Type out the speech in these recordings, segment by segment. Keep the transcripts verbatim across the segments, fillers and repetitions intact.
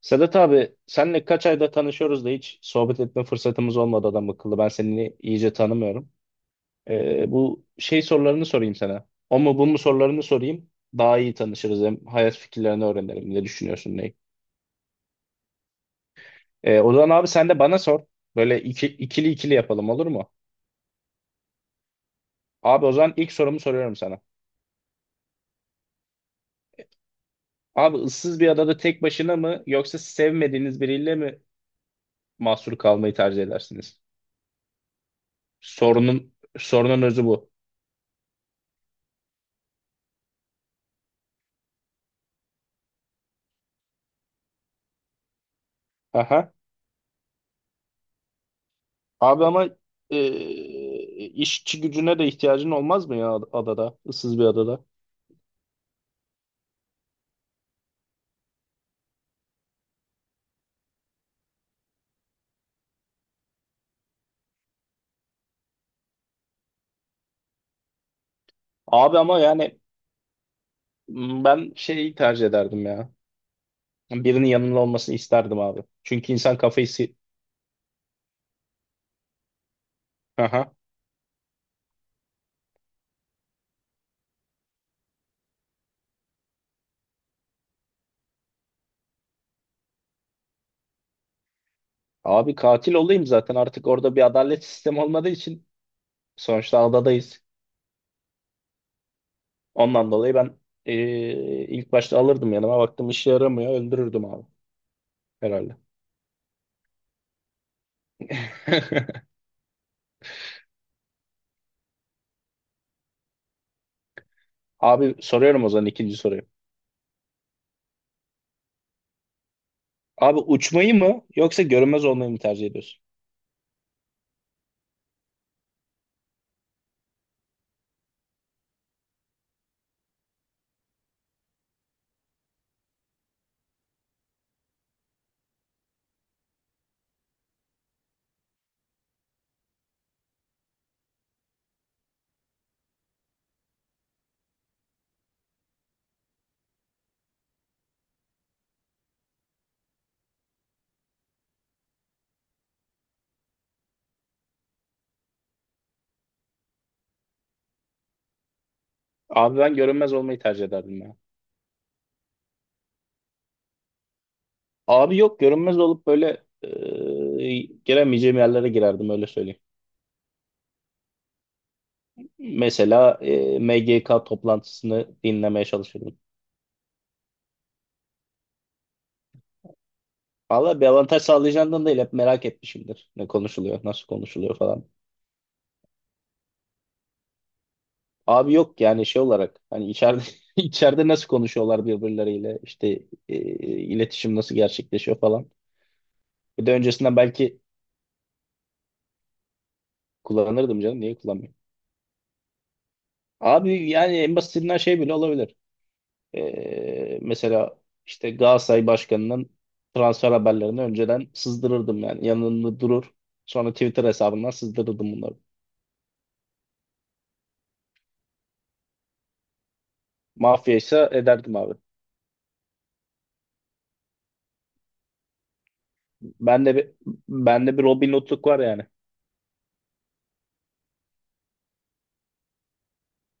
Sedat abi senle kaç ayda tanışıyoruz da hiç sohbet etme fırsatımız olmadı adam akıllı. Ben seni iyice tanımıyorum. Ee, bu şey sorularını sorayım sana. O mu bu mu sorularını sorayım. Daha iyi tanışırız, hem hayat fikirlerini öğrenelim. Ne düşünüyorsun ne? Ee, o zaman abi sen de bana sor. Böyle iki, ikili ikili yapalım, olur mu? Abi o zaman ilk sorumu soruyorum sana. Abi ıssız bir adada tek başına mı yoksa sevmediğiniz biriyle mi mahsur kalmayı tercih edersiniz? Sorunun Sorunun özü bu. Aha. Abi ama e, işçi gücüne de ihtiyacın olmaz mı ya adada? Issız bir adada. Abi ama yani m, ben şeyi tercih ederdim ya. Birinin yanında olmasını isterdim abi. Çünkü insan kafayı... si- Aha. Abi katil olayım zaten, artık orada bir adalet sistemi olmadığı için. Sonuçta adadayız. Ondan dolayı ben e, ilk başta alırdım yanıma. Baktım işe yaramıyor, öldürürdüm abi. Herhalde. Abi soruyorum o zaman ikinci soruyu. Abi uçmayı mı yoksa görünmez olmayı mı tercih ediyorsun? Abi ben görünmez olmayı tercih ederdim ya. Abi yok, görünmez olup böyle e, giremeyeceğim yerlere girerdim, öyle söyleyeyim. Mesela e, M G K toplantısını dinlemeye çalışırdım. Valla bir avantaj sağlayacağından değil, hep merak etmişimdir. Ne konuşuluyor, nasıl konuşuluyor falan. Abi yok, yani şey olarak hani içeride içeride nasıl konuşuyorlar birbirleriyle, işte e, iletişim nasıl gerçekleşiyor falan. Bir de öncesinden belki kullanırdım canım, niye kullanmayayım. Abi yani en basitinden şey bile olabilir. Ee, mesela işte Galatasaray Başkanı'nın transfer haberlerini önceden sızdırırdım yani. Yanında durur. Sonra Twitter hesabından sızdırırdım bunları. Mafya ise ederdim abi. Ben de bir, Ben de bir Robin Hood'luk var yani.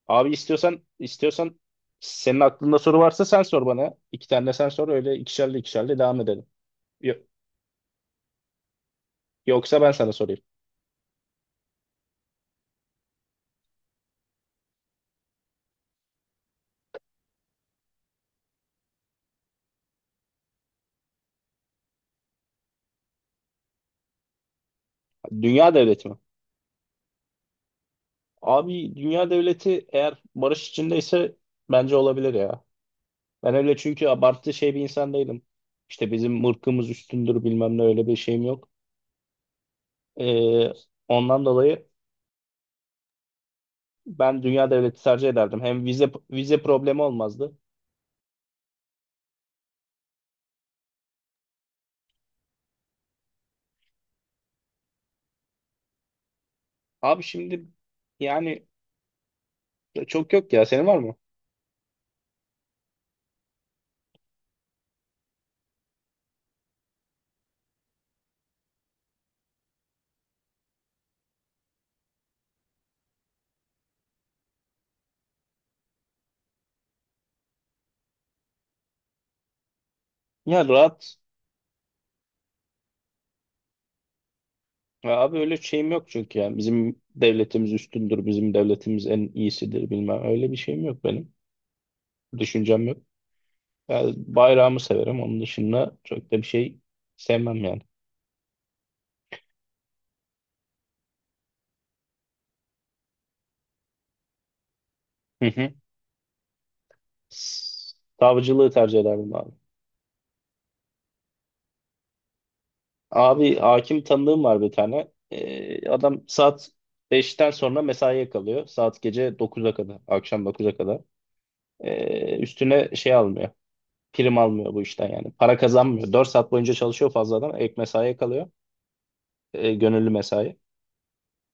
Abi istiyorsan istiyorsan senin aklında soru varsa, sen sor bana. İki tane de sen sor, öyle ikişerli ikişerli devam edelim. Yo- Yoksa ben sana sorayım. Dünya devleti mi? Abi dünya devleti eğer barış içindeyse bence olabilir ya. Ben öyle, çünkü abartı şey bir insan değilim. İşte bizim ırkımız üstündür bilmem ne, öyle bir şeyim yok. Ee, Ondan dolayı ben dünya devleti tercih ederdim. Hem vize vize problemi olmazdı. Abi şimdi yani çok yok ya, senin var mı? Ya rahat. Ya abi öyle şeyim yok çünkü ya. Bizim devletimiz üstündür, bizim devletimiz en iyisidir bilmem. Öyle bir şeyim yok benim. Düşüncem yok. Ya bayrağımı severim. Onun dışında çok da bir şey sevmem yani. Hı hı. Savcılığı tercih ederdim abi. Abi hakim tanıdığım var bir tane. Ee, adam saat beşten sonra mesaiye kalıyor. Saat gece dokuza kadar. Akşam dokuza kadar. Ee, üstüne şey almıyor. Prim almıyor bu işten yani. Para kazanmıyor. dört saat boyunca çalışıyor fazladan. Ek mesaiye kalıyor. Ee, gönüllü mesai.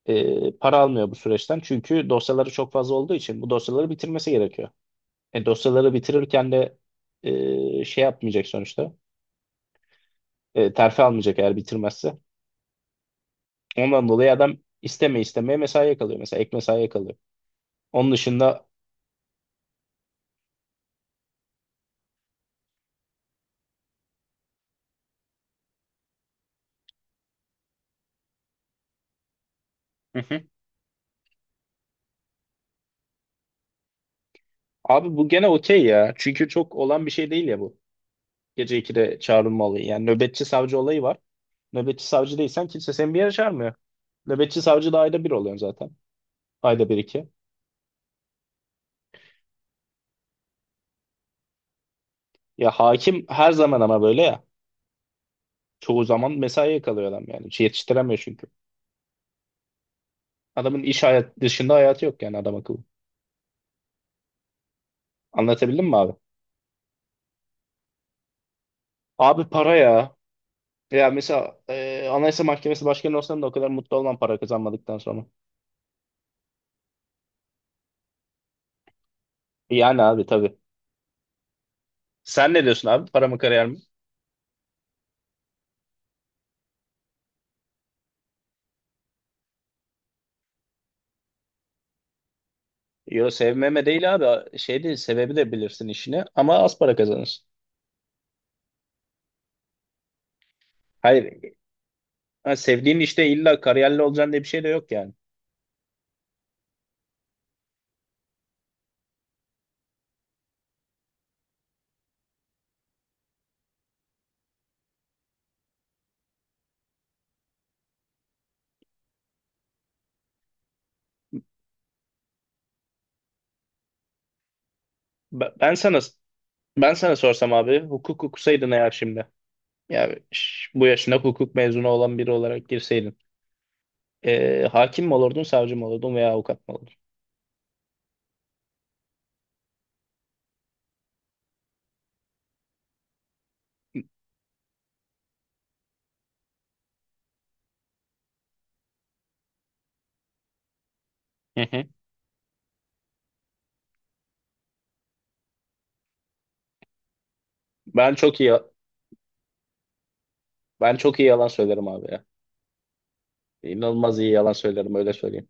Ee, para almıyor bu süreçten. Çünkü dosyaları çok fazla olduğu için bu dosyaları bitirmesi gerekiyor. E, dosyaları bitirirken de e, şey yapmayacak sonuçta. E, terfi almayacak eğer bitirmezse. Ondan dolayı adam isteme istemeye mesaiye kalıyor. Mesela ek mesaiye kalıyor. Onun dışında hı hı. Abi bu gene okey ya. Çünkü çok olan bir şey değil ya bu. Gece ikide çağrılma olayı. Yani nöbetçi savcı olayı var. Nöbetçi savcı değilsen kimse seni bir yere çağırmıyor. Nöbetçi savcı da ayda bir oluyorsun zaten. Ayda bir iki. Ya hakim her zaman ama böyle ya. Çoğu zaman mesaiye kalıyor adam yani. Hiç yetiştiremiyor çünkü. Adamın iş hayat dışında hayatı yok yani adam akıllı. Anlatabildim mi abi? Abi para ya. Ya mesela e, Anayasa Mahkemesi başkanı olsam da o kadar mutlu olmam para kazanmadıktan sonra. Yani abi tabii. Sen ne diyorsun abi? Para mı kariyer mi? Yo, sevmeme değil abi. Şey değil sebebi, de bilirsin işini ama az para kazanırsın. Hayır. Ha, sevdiğin işte illa kariyerli olacaksın diye bir şey de yok yani. Ben, ben sana ben sana sorsam abi, hukuk okusaydın eğer şimdi. Yani ş- bu yaşına hukuk mezunu olan biri olarak girseydin. E, hakim mi olurdun, savcı mı olurdun veya avukat mı olurdun? Hı hı. Ben çok iyi Ben çok iyi yalan söylerim abi. İnanılmaz iyi yalan söylerim, öyle söyleyeyim.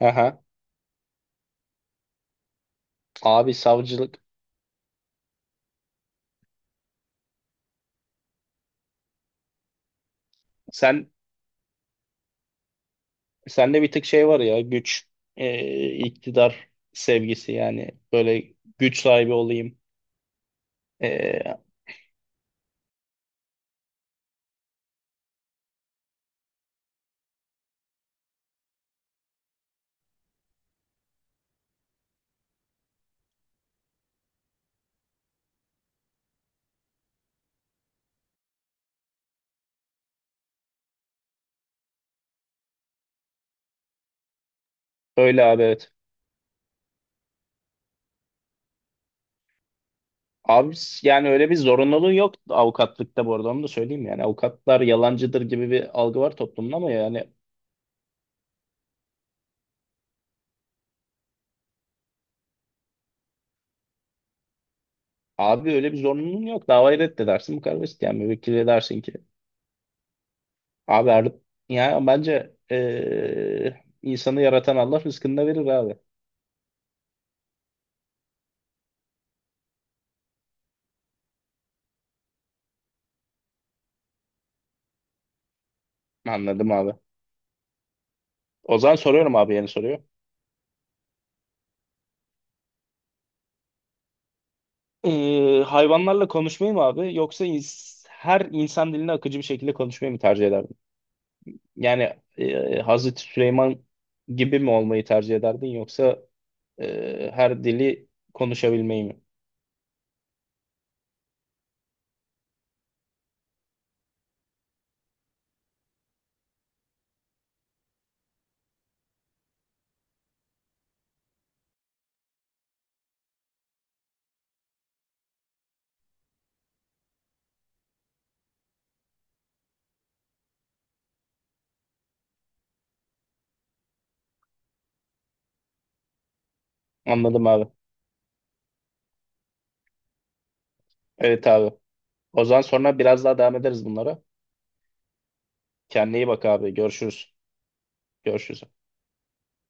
Aha. Abi savcılık, sen sende bir tık şey var ya, güç e, iktidar sevgisi yani, böyle güç sahibi olayım. E, Öyle abi, evet. Abi yani öyle bir zorunluluğu yok avukatlıkta, bu arada onu da söyleyeyim, yani avukatlar yalancıdır gibi bir algı var toplumda ama yani abi öyle bir zorunluluğun yok. Davayı reddedersin, bu kadar basit yani, müvekkil dersin ki abi er- yani bence e, insanı yaratan Allah rızkını da verir abi. Anladım abi. O zaman soruyorum abi yeni soruyor. Ee, hayvanlarla konuşmayı mı abi yoksa ins- her insan dilini akıcı bir şekilde konuşmayı mı tercih ederdin? Yani e, Hazreti Süleyman gibi mi olmayı tercih ederdin yoksa e, her dili konuşabilmeyi mi? Anladım abi. Evet abi. O zaman sonra biraz daha devam ederiz bunlara. Kendine iyi bak abi. Görüşürüz. Görüşürüz.